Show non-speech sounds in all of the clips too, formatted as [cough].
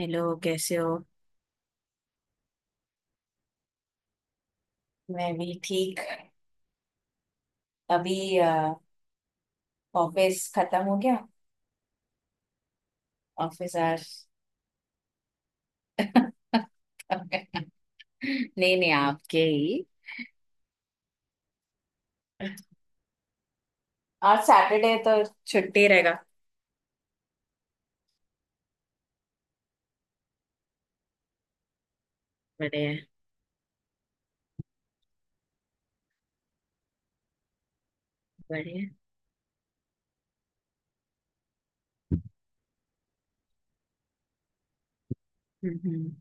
Hello, कैसे हो? मैं भी ठीक। अभी ऑफिस खत्म हो गया। ऑफिस आज। नहीं नहीं आपके ही। आज सैटरडे तो छुट्टी रहेगा। बढ़िया। बढ़िया। हम्म हम्म।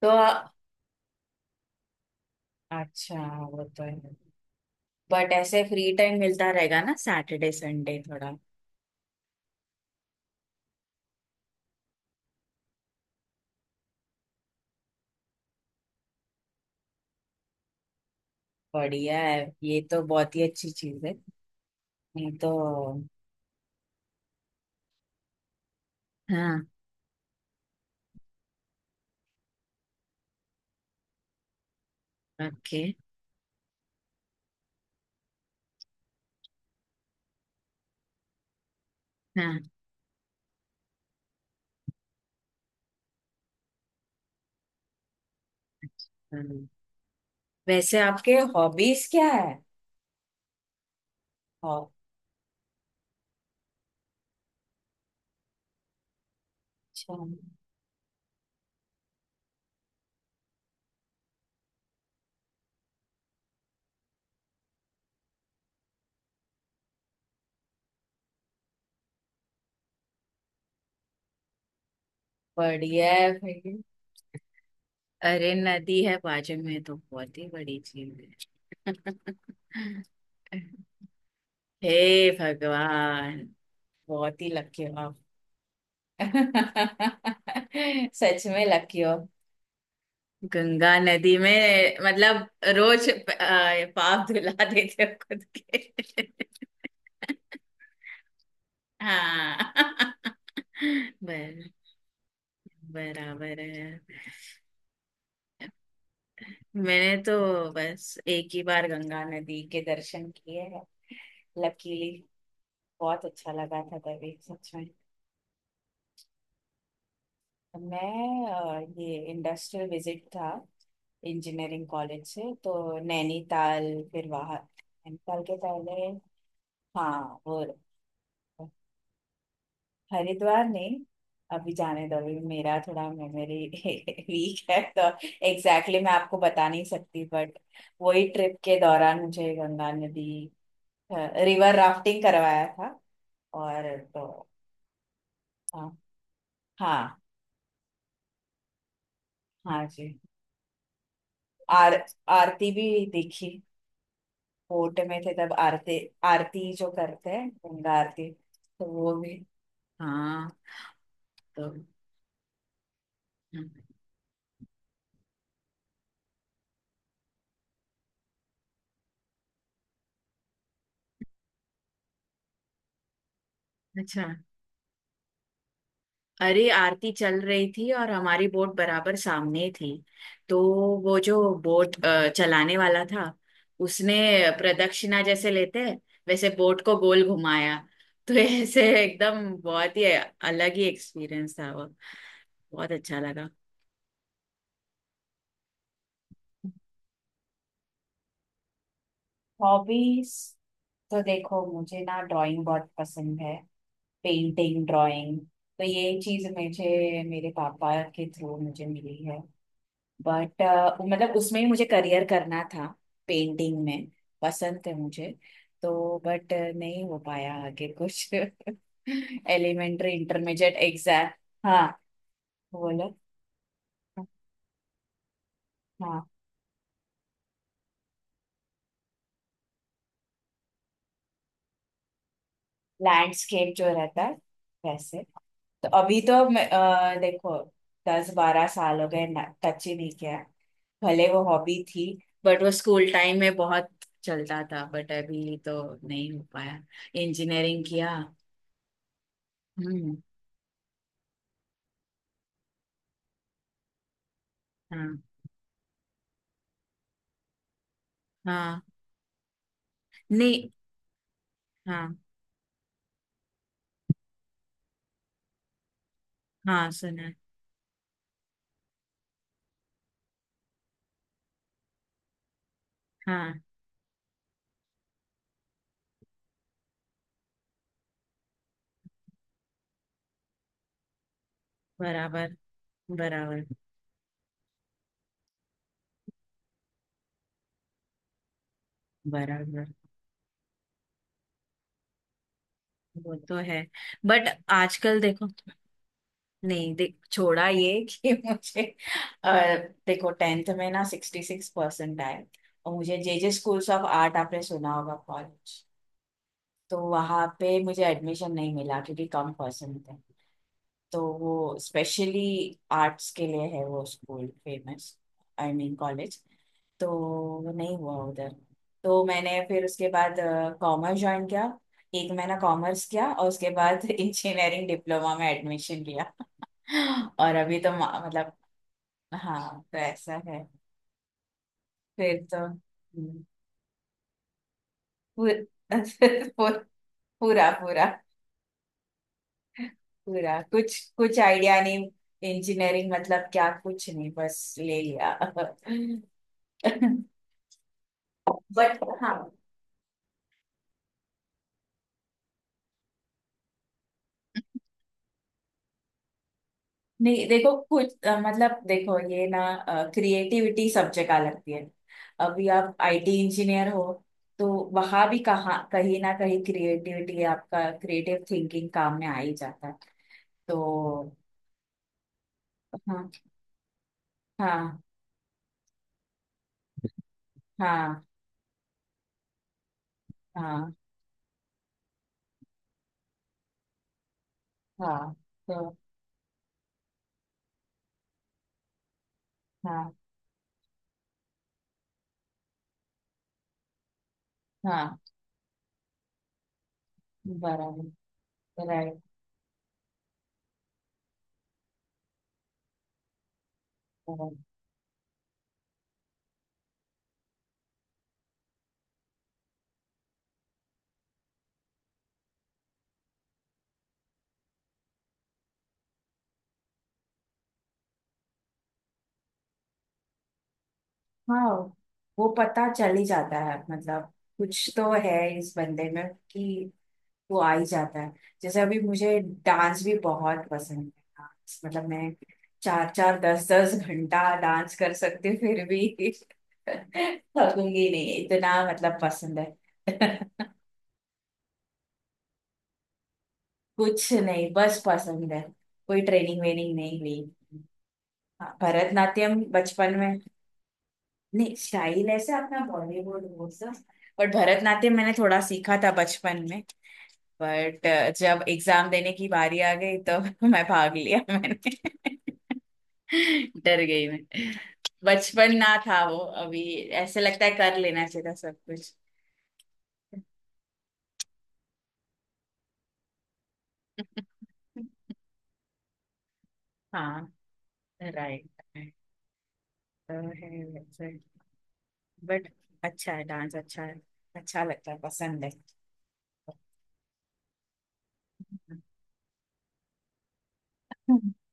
तो अच्छा। वो तो है, बट ऐसे फ्री टाइम मिलता रहेगा ना सैटरडे संडे थोड़ा। बढ़िया है, ये तो बहुत ही अच्छी चीज है। नहीं तो। हाँ। ओके। हाँ। हम्म, वैसे आपके हॉबीज क्या है? अच्छा। बढ़िया है भाई। अरे नदी है बाजू में तो बहुत ही बड़ी चीज है। [laughs] हे भगवान, बहुत ही लकी हो आप। [laughs] सच में लकी हो। गंगा नदी में मतलब। रोज पाप धुला [laughs] देते हो खुद के। हाँ। [laughs] बर, बराबर है। मैंने तो बस एक ही बार गंगा नदी के दर्शन किए हैं, लकीली। बहुत अच्छा लगा था तभी, सच में। मैं ये इंडस्ट्रियल विजिट था, इंजीनियरिंग कॉलेज से, तो नैनीताल। फिर वहाँ नैनीताल के पहले। हाँ वो। हरिद्वार नहीं। अभी जाने दो, अभी मेरा थोड़ा मेमोरी [laughs] वीक है, तो एग्जैक्टली मैं आपको बता नहीं सकती, बट वही ट्रिप के दौरान मुझे गंगा नदी रिवर राफ्टिंग करवाया था। और तो। हाँ। हाँ। हाँ जी। आर आरती भी देखी। कोर्ट में थे तब आरती। आरती जो करते हैं गंगा आरती, तो वो भी। हाँ। तो हम्म, अच्छा। अरे आरती चल रही थी और हमारी बोट बराबर सामने ही थी। तो वो जो बोट चलाने वाला था, उसने प्रदक्षिणा जैसे लेते हैं वैसे बोट को गोल घुमाया। तो ऐसे एकदम बहुत ही अलग ही एक्सपीरियंस था वो। बहुत अच्छा लगा। हॉबीज। तो देखो, मुझे ना ड्राइंग बहुत पसंद है, पेंटिंग, ड्राइंग। तो ये चीज मुझे मेरे पापा के थ्रू मुझे मिली है। बट मतलब उसमें ही मुझे करियर करना था, पेंटिंग में। पसंद है मुझे। तो बट नहीं हो पाया आगे कुछ [laughs] एलिमेंट्री इंटरमीडिएट एग्जाम। हाँ। बोलो। हाँ। लैंडस्केप जो रहता है, वैसे। तो अभी तो मैं देखो दस बारह साल हो गए, टच ही नहीं किया। भले वो हॉबी थी। बट वो स्कूल टाइम में बहुत चलता था, बट अभी तो नहीं हो पाया। इंजीनियरिंग किया। हम्म। हाँ। हाँ। नहीं। हाँ। हाँ, सुना है। हाँ। बराबर, बराबर, बराबर। वो तो है, बट आजकल देखो नहीं देख छोड़ा ये कि [laughs] मुझे अ, देखो टेंथ में ना सिक्सटी सिक्स परसेंट आए, और मुझे J J schools of art आपने सुना होगा, कॉलेज। तो वहाँ पे मुझे एडमिशन नहीं मिला क्योंकि कम परसेंट थे। तो वो स्पेशली आर्ट्स के लिए है वो school famous, I mean college. तो वो नहीं हुआ उधर। तो मैंने फिर उसके बाद कॉमर्स ज्वाइन किया। एक महीना कॉमर्स किया और उसके बाद [laughs] इंजीनियरिंग डिप्लोमा में एडमिशन लिया। और अभी तो मतलब। हाँ तो ऐसा है। फिर तो पूर, [laughs] पूर, पूरा, पूरा, पूरा। कुछ कुछ आइडिया नहीं, इंजीनियरिंग मतलब क्या, कुछ नहीं बस ले लिया [laughs] बट हाँ। नहीं देखो कुछ मतलब देखो ये ना, क्रिएटिविटी सब जगह लगती है। अभी आप आईटी इंजीनियर हो, तो वहां भी कहाँ कहीं ना कहीं क्रिएटिविटी, आपका क्रिएटिव थिंकिंग काम में आ ही जाता है। तो हाँ। हाँ। हाँ। हाँ। हाँ। तो हाँ। हाँ। बराबर। राइट। बराबर। हाँ, वो पता चल ही जाता है, मतलब कुछ तो है इस बंदे में कि वो आ ही जाता है। जैसे अभी मुझे डांस भी बहुत पसंद है, डांस मतलब मैं चार चार दस दस घंटा डांस कर सकती हूँ, फिर भी [laughs] थकूंगी नहीं, इतना मतलब पसंद है। [laughs] कुछ नहीं, बस पसंद है, कोई ट्रेनिंग वेनिंग नहीं ली। हाँ, भरतनाट्यम बचपन में। नहीं, स्टाइल ऐसे अपना बॉलीवुड वो सब, बट भरतनाट्यम मैंने थोड़ा सीखा था बचपन में। बट जब एग्जाम देने की बारी आ गई तो [laughs] मैं भाग लिया, मैंने [laughs] डर गई मैं। बचपन ना था वो। अभी ऐसे लगता है कर लेना चाहिए था सब कुछ। हाँ, राइट। तो है वैसे, बट अच्छा है, डांस अच्छा है, अच्छा लगता है, पसंद है। [laughs]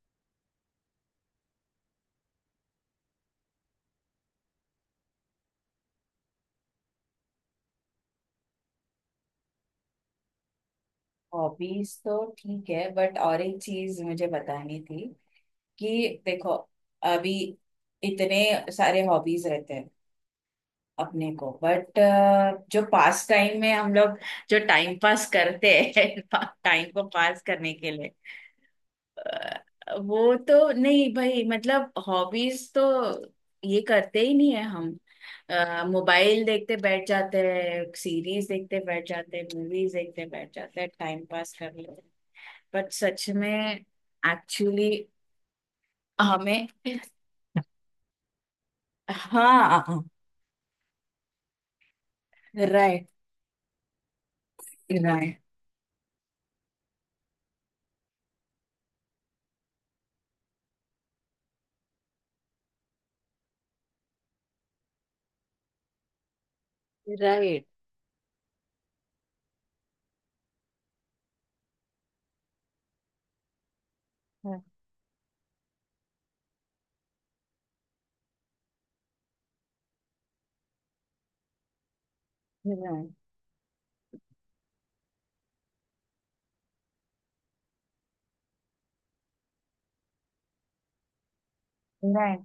हॉबीज तो ठीक है, बट और एक चीज मुझे बतानी थी, कि देखो अभी इतने सारे हॉबीज रहते हैं अपने को, बट जो पास टाइम में हम लोग जो टाइम पास करते हैं [laughs] टाइम को पास करने के लिए। अ, वो तो नहीं भाई, मतलब हॉबीज तो ये करते ही नहीं है हम। मोबाइल देखते बैठ जाते हैं, सीरीज देखते बैठ जाते हैं, मूवीज देखते बैठ जाते हैं, टाइम पास कर लेते हैं। बट सच में एक्चुअली हमें। हाँ। Right, right, right, right, right.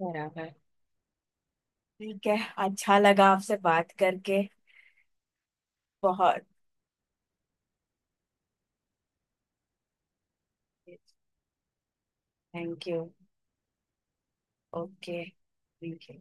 बराबर, ठीक है, अच्छा लगा आपसे बात करके। बहुत। Thank you. Okay. Thank you.